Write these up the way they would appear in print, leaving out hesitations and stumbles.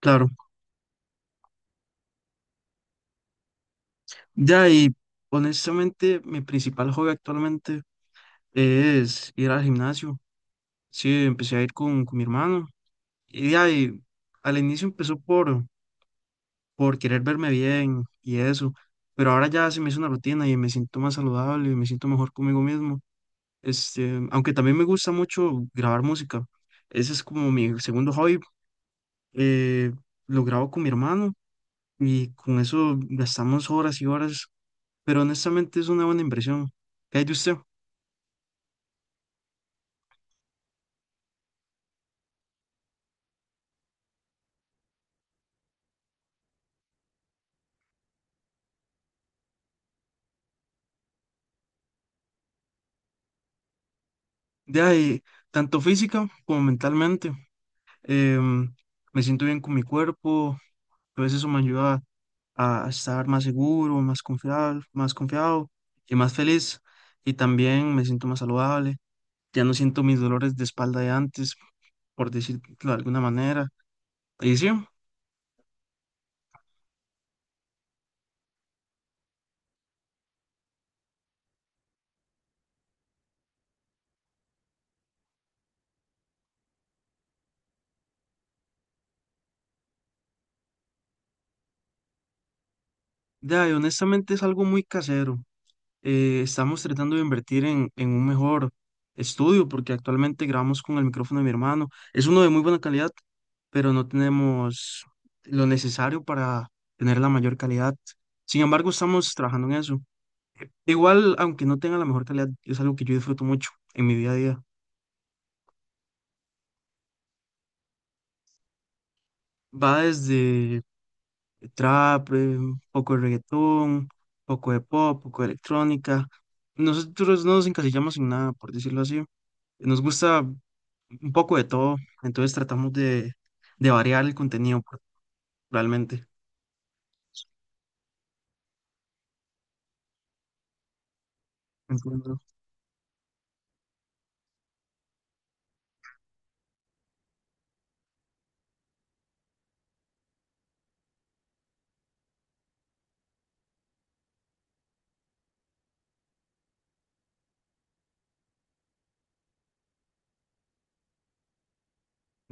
Claro, ya y honestamente mi principal hobby actualmente es ir al gimnasio. Sí, empecé a ir con mi hermano y ya y al inicio empezó por querer verme bien y eso, pero ahora ya se me hizo una rutina y me siento más saludable y me siento mejor conmigo mismo. Este, aunque también me gusta mucho grabar música. Ese es como mi segundo hobby. eh, lo grabo con mi hermano y con eso gastamos horas y horas, pero honestamente es una buena inversión. ¿Qué hay de usted? De ahí, tanto física como mentalmente. Em, Me siento bien con mi cuerpo, pues eso me ayuda a estar más seguro, más confiado y más feliz. Y también me siento más saludable, ya no siento mis dolores de espalda de antes, por decirlo de alguna manera. Y sí, de ahí, honestamente es algo muy casero. Estamos tratando de invertir en un mejor estudio porque actualmente grabamos con el micrófono de mi hermano. Es uno de muy buena calidad, pero no tenemos lo necesario para tener la mayor calidad. Sin embargo, estamos trabajando en eso. Igual, aunque no tenga la mejor calidad, es algo que yo disfruto mucho en mi día a día. Va desde trap, poco de reggaetón, poco de pop, poco de electrónica. Nosotros no nos encasillamos en nada, por decirlo así. Nos gusta un poco de todo, entonces tratamos de variar el contenido realmente. Entiendo,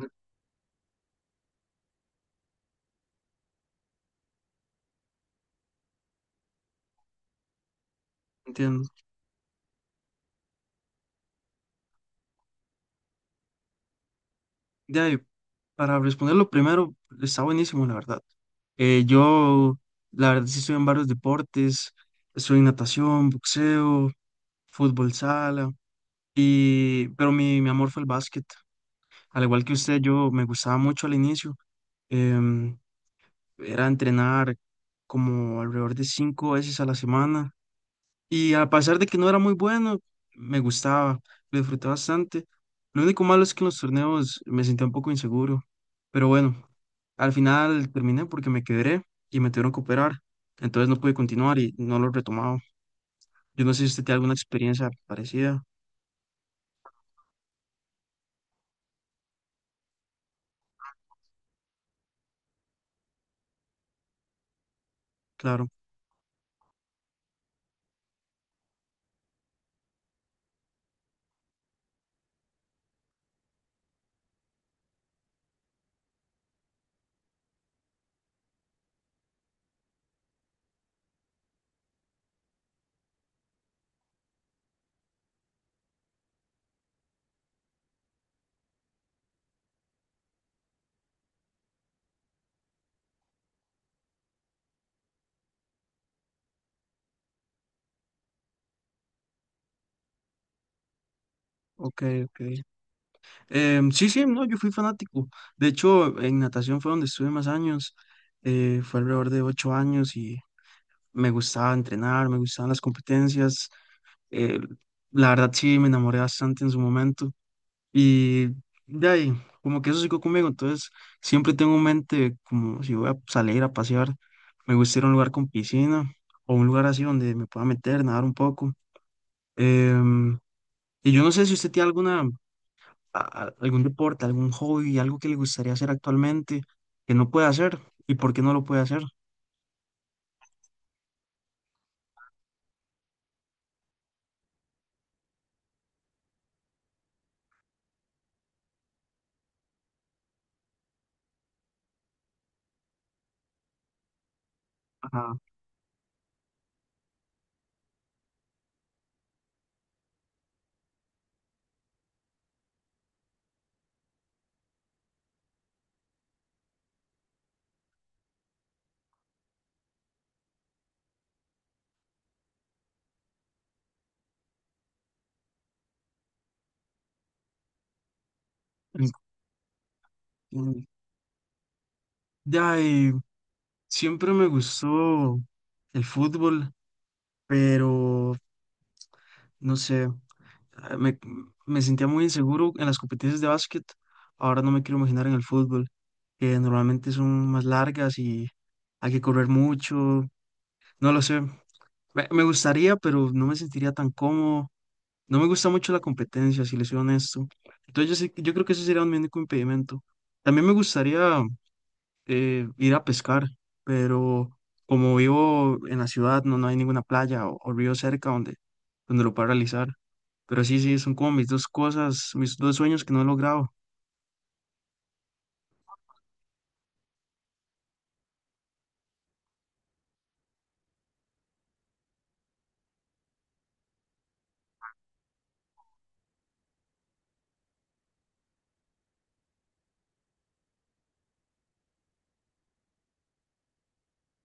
en- entiendo. De ahí, para responderlo primero, está buenísimo, la verdad. Yo, la verdad, sí estoy en varios deportes, estoy en natación, boxeo, fútbol sala, y, pero mi amor fue el básquet. Al igual que usted, yo me gustaba mucho al inicio. em, Era entrenar como alrededor de 5 veces a la semana. Y a pesar de que no era muy bueno, me gustaba, lo disfruté bastante. Lo único malo es que en los torneos me sentía un poco inseguro. Pero bueno, al final terminé porque me quebré y me tuvieron que operar. Entonces no pude continuar y no lo he retomado. Yo no sé si usted tiene alguna experiencia parecida. Claro, ok, ok. Sí, sí, no, yo fui fanático. De hecho, en natación fue donde estuve más años. Fue alrededor de 8 años y me gustaba entrenar, me gustaban las competencias. eh, la verdad sí me enamoré bastante en su momento y de ahí, como que eso siguió conmigo, entonces siempre tengo en mente como si voy a salir a pasear, me gusta ir a un lugar con piscina o un lugar así donde me pueda meter, nadar un poco. Em, y yo no sé si usted tiene alguna, algún deporte, algún hobby, algo que le gustaría hacer actualmente que no puede hacer y por qué no lo puede hacer. Ajá. En- en- De ahí, siempre me gustó el fútbol, pero no sé, ah, me, me sentía muy inseguro en las competencias de básquet. Ahora no me quiero imaginar en el fútbol, que normalmente son más largas y hay que correr mucho. No lo sé. Me gustaría, pero no me sentiría tan cómodo. No me gusta mucho la competencia, si les soy honesto. Entonces yo, yo creo que ese sería un único impedimento. También me gustaría ir a pescar, pero como vivo en la ciudad, no hay ninguna playa o río cerca donde, donde lo pueda realizar. Pero sí, sí, son como mis dos cosas, mis dos sueños que no he logrado,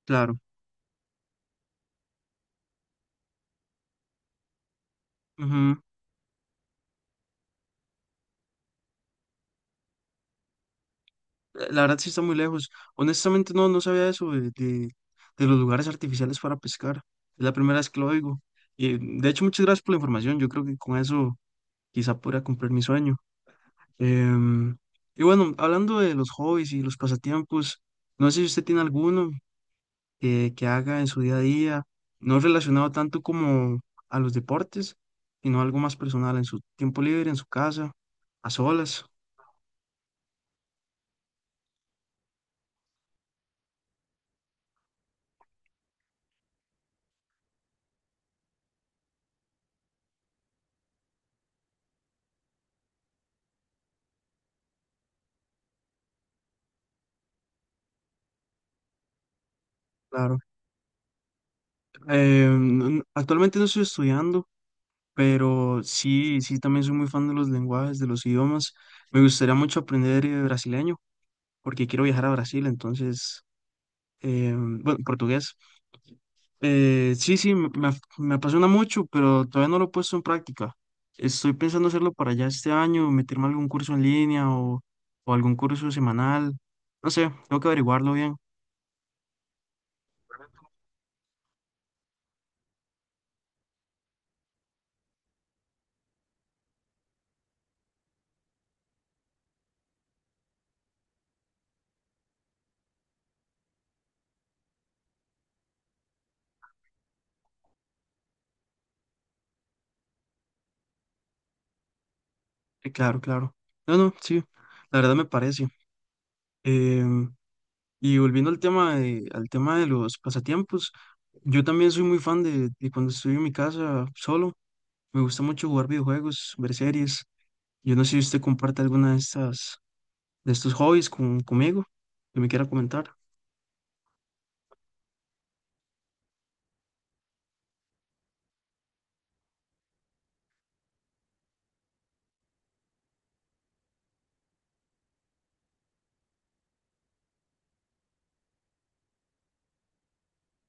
claro. Ujú. La verdad sí está muy lejos. Honestamente no, no sabía eso de los lugares artificiales para pescar. Es la primera vez que lo oigo. Y de hecho, muchas gracias por la información. Yo creo que con eso quizá pueda cumplir mi sueño. Em, y bueno, hablando de los hobbies y los pasatiempos, no sé si usted tiene alguno que haga en su día a día, no relacionado tanto como a los deportes, sino algo más personal en su tiempo libre, en su casa, a solas, claro. Actualmente no estoy estudiando, pero sí, sí, también soy muy fan de los lenguajes, de los idiomas. Me gustaría mucho aprender brasileño, porque quiero viajar a Brasil, entonces, bueno, portugués. Sí, sí, me apasiona mucho, pero todavía no lo he puesto en práctica. Estoy pensando hacerlo para ya este año, meterme a algún curso en línea o algún curso semanal. No sé, tengo que averiguarlo bien. Claro, claro. No, no, sí, la verdad me parece. Em, y volviendo al tema de los pasatiempos, yo también soy muy fan de cuando estoy en mi casa solo. Me gusta mucho jugar videojuegos, ver series. Yo no sé si usted comparte alguna de estas de estos hobbies conmigo, que me quiera comentar.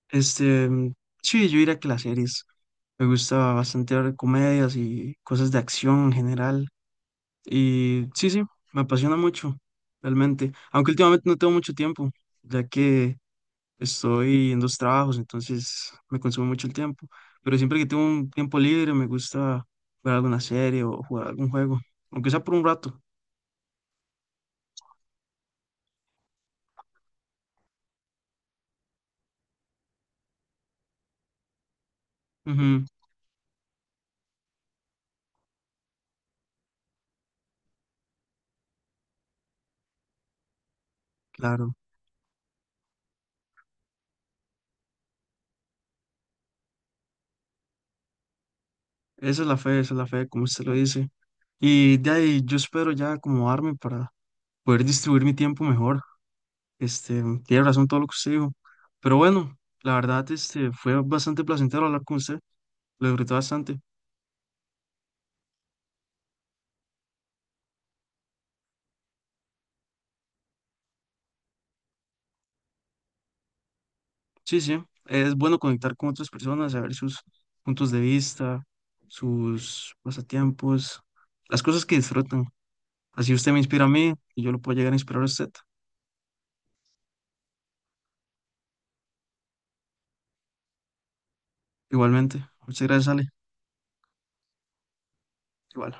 Este, sí, yo diría que las series. Me gusta bastante ver comedias y cosas de acción en general. Y sí, sí, me apasiona mucho, realmente. Aunque últimamente no tengo mucho tiempo, ya que estoy en dos trabajos, entonces me consume mucho el tiempo. Pero siempre que tengo un tiempo libre, me gusta ver alguna serie o jugar algún juego, aunque sea por un rato. Ujú, claro, esa es la fe, esa es la fe, como usted lo dice. Y de ahí yo espero ya acomodarme para poder distribuir mi tiempo mejor. Este, tiene razón todo lo que usted dijo. Pero bueno, la verdad, este, fue bastante placentero hablar con usted. Lo disfruté bastante. Sí, sí, es bueno conectar con otras personas, saber sus puntos de vista, sus pasatiempos, las cosas que disfrutan. Así usted me inspira a mí y yo lo puedo llegar a inspirar a usted. Igualmente. Muchas gracias, Ale. Igual.